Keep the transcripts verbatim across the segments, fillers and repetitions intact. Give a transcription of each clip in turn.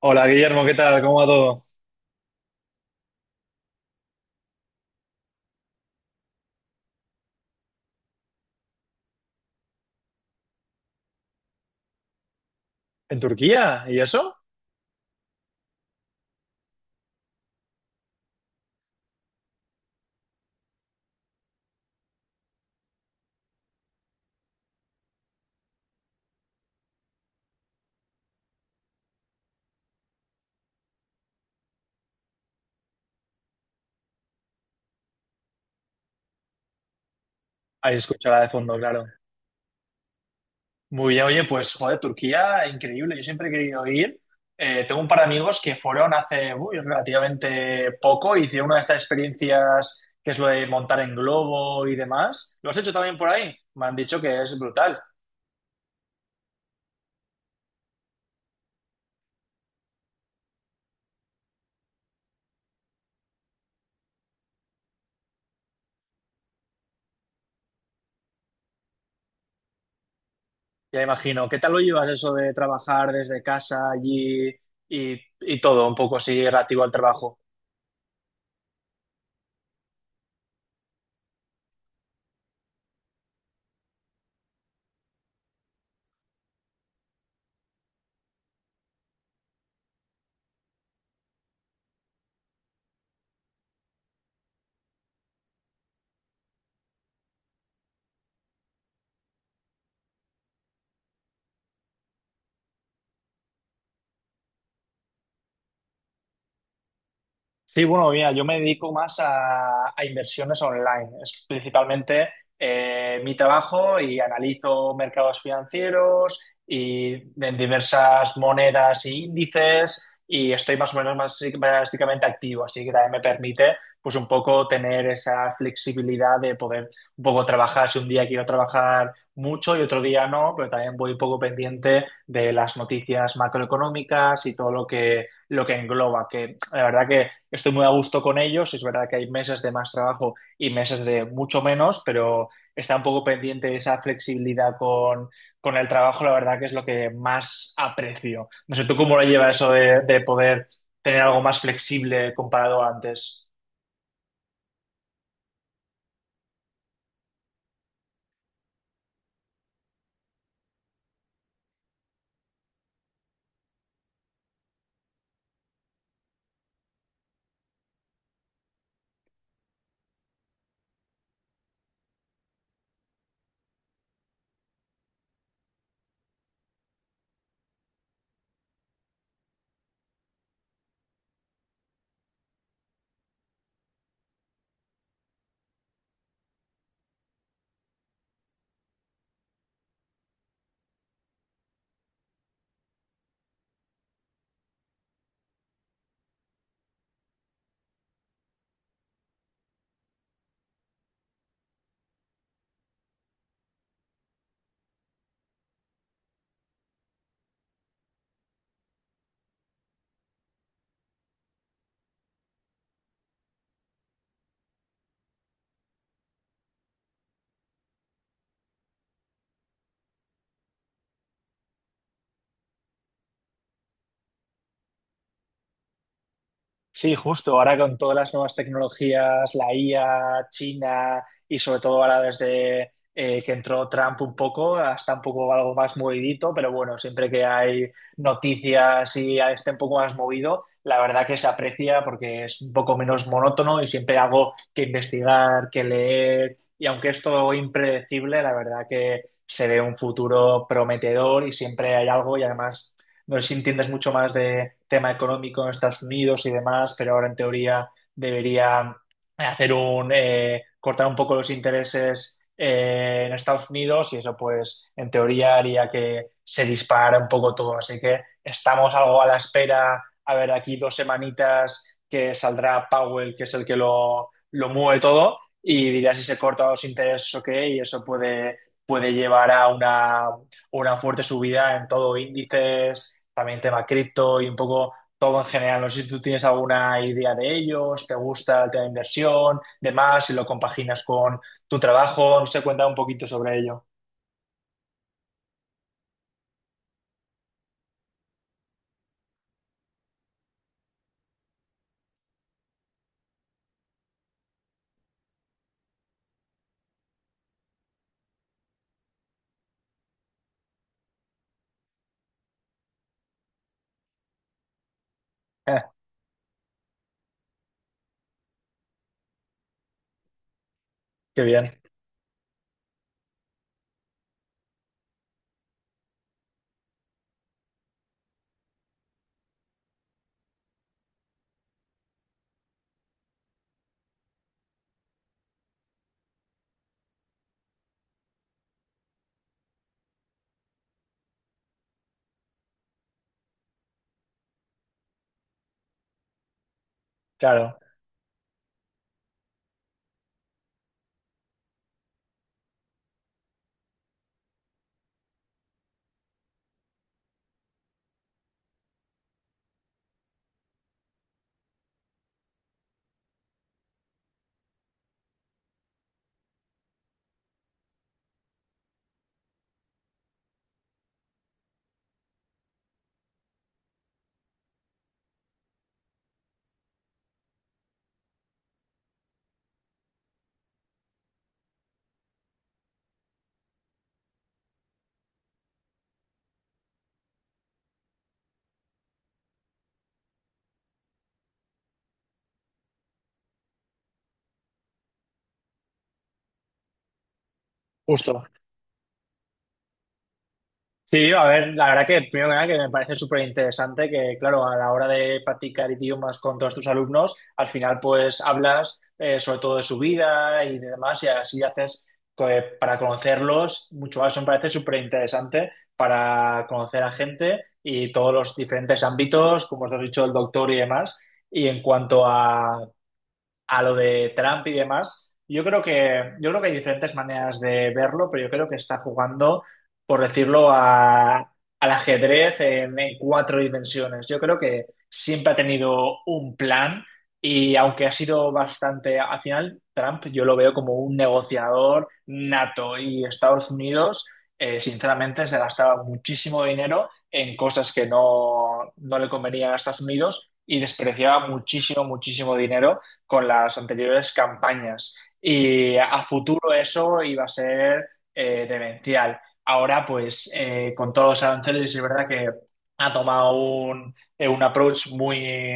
Hola Guillermo, ¿qué tal? ¿Cómo va todo? ¿En Turquía? ¿Y eso? Ahí escuchará de fondo, claro. Muy bien, oye, pues joder, Turquía, increíble. Yo siempre he querido ir. Eh, tengo un par de amigos que fueron hace uy, relativamente poco, hicieron una de estas experiencias que es lo de montar en globo y demás. ¿Lo has hecho también por ahí? Me han dicho que es brutal. Ya imagino. ¿Qué tal lo llevas eso de trabajar desde casa allí y, y todo un poco así relativo al trabajo? Sí, bueno, mira, yo me dedico más a, a inversiones online. Es principalmente eh, mi trabajo y analizo mercados financieros y en diversas monedas e índices y estoy más o menos basi- básicamente activo, así que también me permite pues un poco tener esa flexibilidad de poder un poco trabajar si un día quiero trabajar mucho y otro día no, pero también voy un poco pendiente de las noticias macroeconómicas y todo lo que lo que engloba, que la verdad que estoy muy a gusto con ellos, es verdad que hay meses de más trabajo y meses de mucho menos, pero está un poco pendiente esa flexibilidad con, con el trabajo, la verdad que es lo que más aprecio. No sé, ¿tú cómo lo llevas eso de, de poder tener algo más flexible comparado a antes? Sí, justo ahora con todas las nuevas tecnologías, la I A, China y sobre todo ahora desde eh, que entró Trump un poco, hasta un poco algo más movidito, pero bueno, siempre que hay noticias y esté un poco más movido, la verdad que se aprecia porque es un poco menos monótono y siempre hay algo que investigar, que leer y aunque es todo impredecible, la verdad que se ve un futuro prometedor y siempre hay algo y además... No sé si entiendes mucho más de tema económico en Estados Unidos y demás, pero ahora en teoría debería eh, hacer un eh, cortar un poco los intereses eh, en Estados Unidos y eso pues en teoría haría que se dispara un poco todo. Así que estamos algo a la espera. A ver, aquí dos semanitas que saldrá Powell, que es el que lo, lo mueve todo, y dirá si se cortan los intereses o qué, y eso puede, puede llevar a una una fuerte subida en todo, índices, también tema cripto y un poco todo en general. No sé si tú tienes alguna idea de ellos, te gusta el tema de inversión, demás, si lo compaginas con tu trabajo, no sé, cuenta un poquito sobre ello. Eh, Qué bien, claro, justo. Sí, a ver, la verdad que primero que nada que me parece súper interesante que, claro, a la hora de practicar idiomas con todos tus alumnos, al final pues hablas eh, sobre todo de su vida y de demás y así haces co- eh, para conocerlos mucho más. Eso me parece súper interesante para conocer a gente y todos los diferentes ámbitos, como os has dicho, el doctor y demás. Y en cuanto a a lo de Trump y demás. Yo creo que, yo creo que hay diferentes maneras de verlo, pero yo creo que está jugando, por decirlo, a, al ajedrez en, en cuatro dimensiones. Yo creo que siempre ha tenido un plan y aunque ha sido bastante, al final Trump yo lo veo como un negociador nato y Estados Unidos, eh, sinceramente, se gastaba muchísimo dinero en cosas que no, no le convenían a Estados Unidos y despreciaba muchísimo, muchísimo dinero con las anteriores campañas. Y a futuro eso iba a ser eh, demencial. Ahora, pues, eh, con todos los aranceles, es verdad que ha tomado un, eh, un approach muy,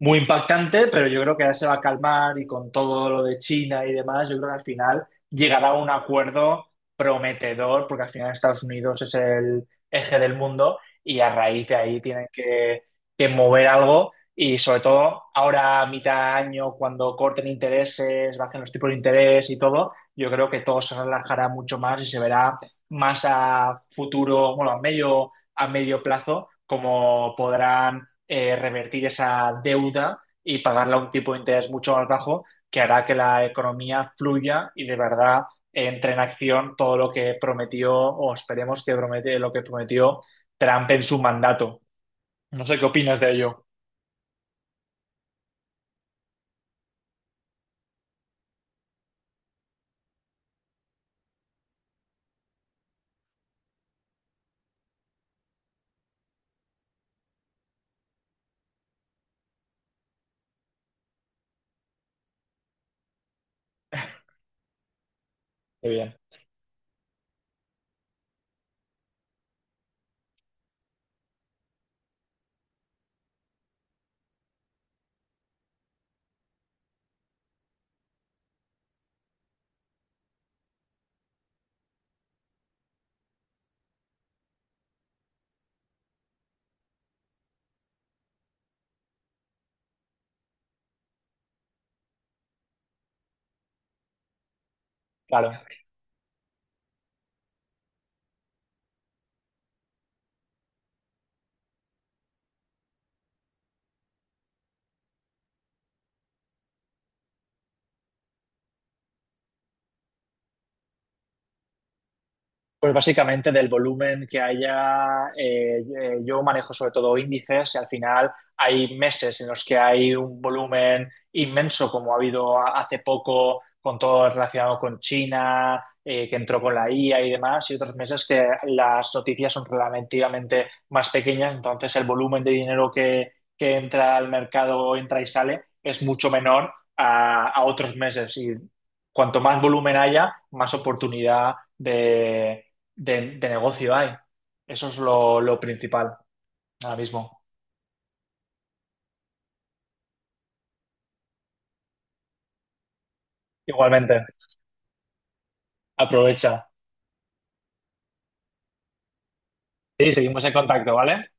muy impactante, pero yo creo que ahora se va a calmar y con todo lo de China y demás, yo creo que al final llegará a un acuerdo prometedor, porque al final Estados Unidos es el eje del mundo y a raíz de ahí tienen que, que mover algo y sobre todo ahora, a mitad de año, cuando corten intereses, bajen los tipos de interés y todo, yo creo que todo se relajará mucho más y se verá más a futuro, bueno, a medio, a medio plazo, cómo podrán eh, revertir esa deuda y pagarla a un tipo de interés mucho más bajo, que hará que la economía fluya y de verdad entre en acción todo lo que prometió, o esperemos que promete lo que prometió Trump en su mandato. No sé qué opinas de ello. Qué bien. Claro. Pues básicamente del volumen que haya, eh, eh, yo manejo sobre todo índices y al final hay meses en los que hay un volumen inmenso como ha habido a- hace poco con todo relacionado con China, eh, que entró con la I A y demás, y otros meses que las noticias son relativamente más pequeñas, entonces el volumen de dinero que, que entra al mercado, entra y sale, es mucho menor a, a otros meses y cuanto más volumen haya, más oportunidad de de, de negocio hay. Eso es lo, lo principal ahora mismo. Igualmente, aprovecha. Sí, seguimos en contacto, ¿vale?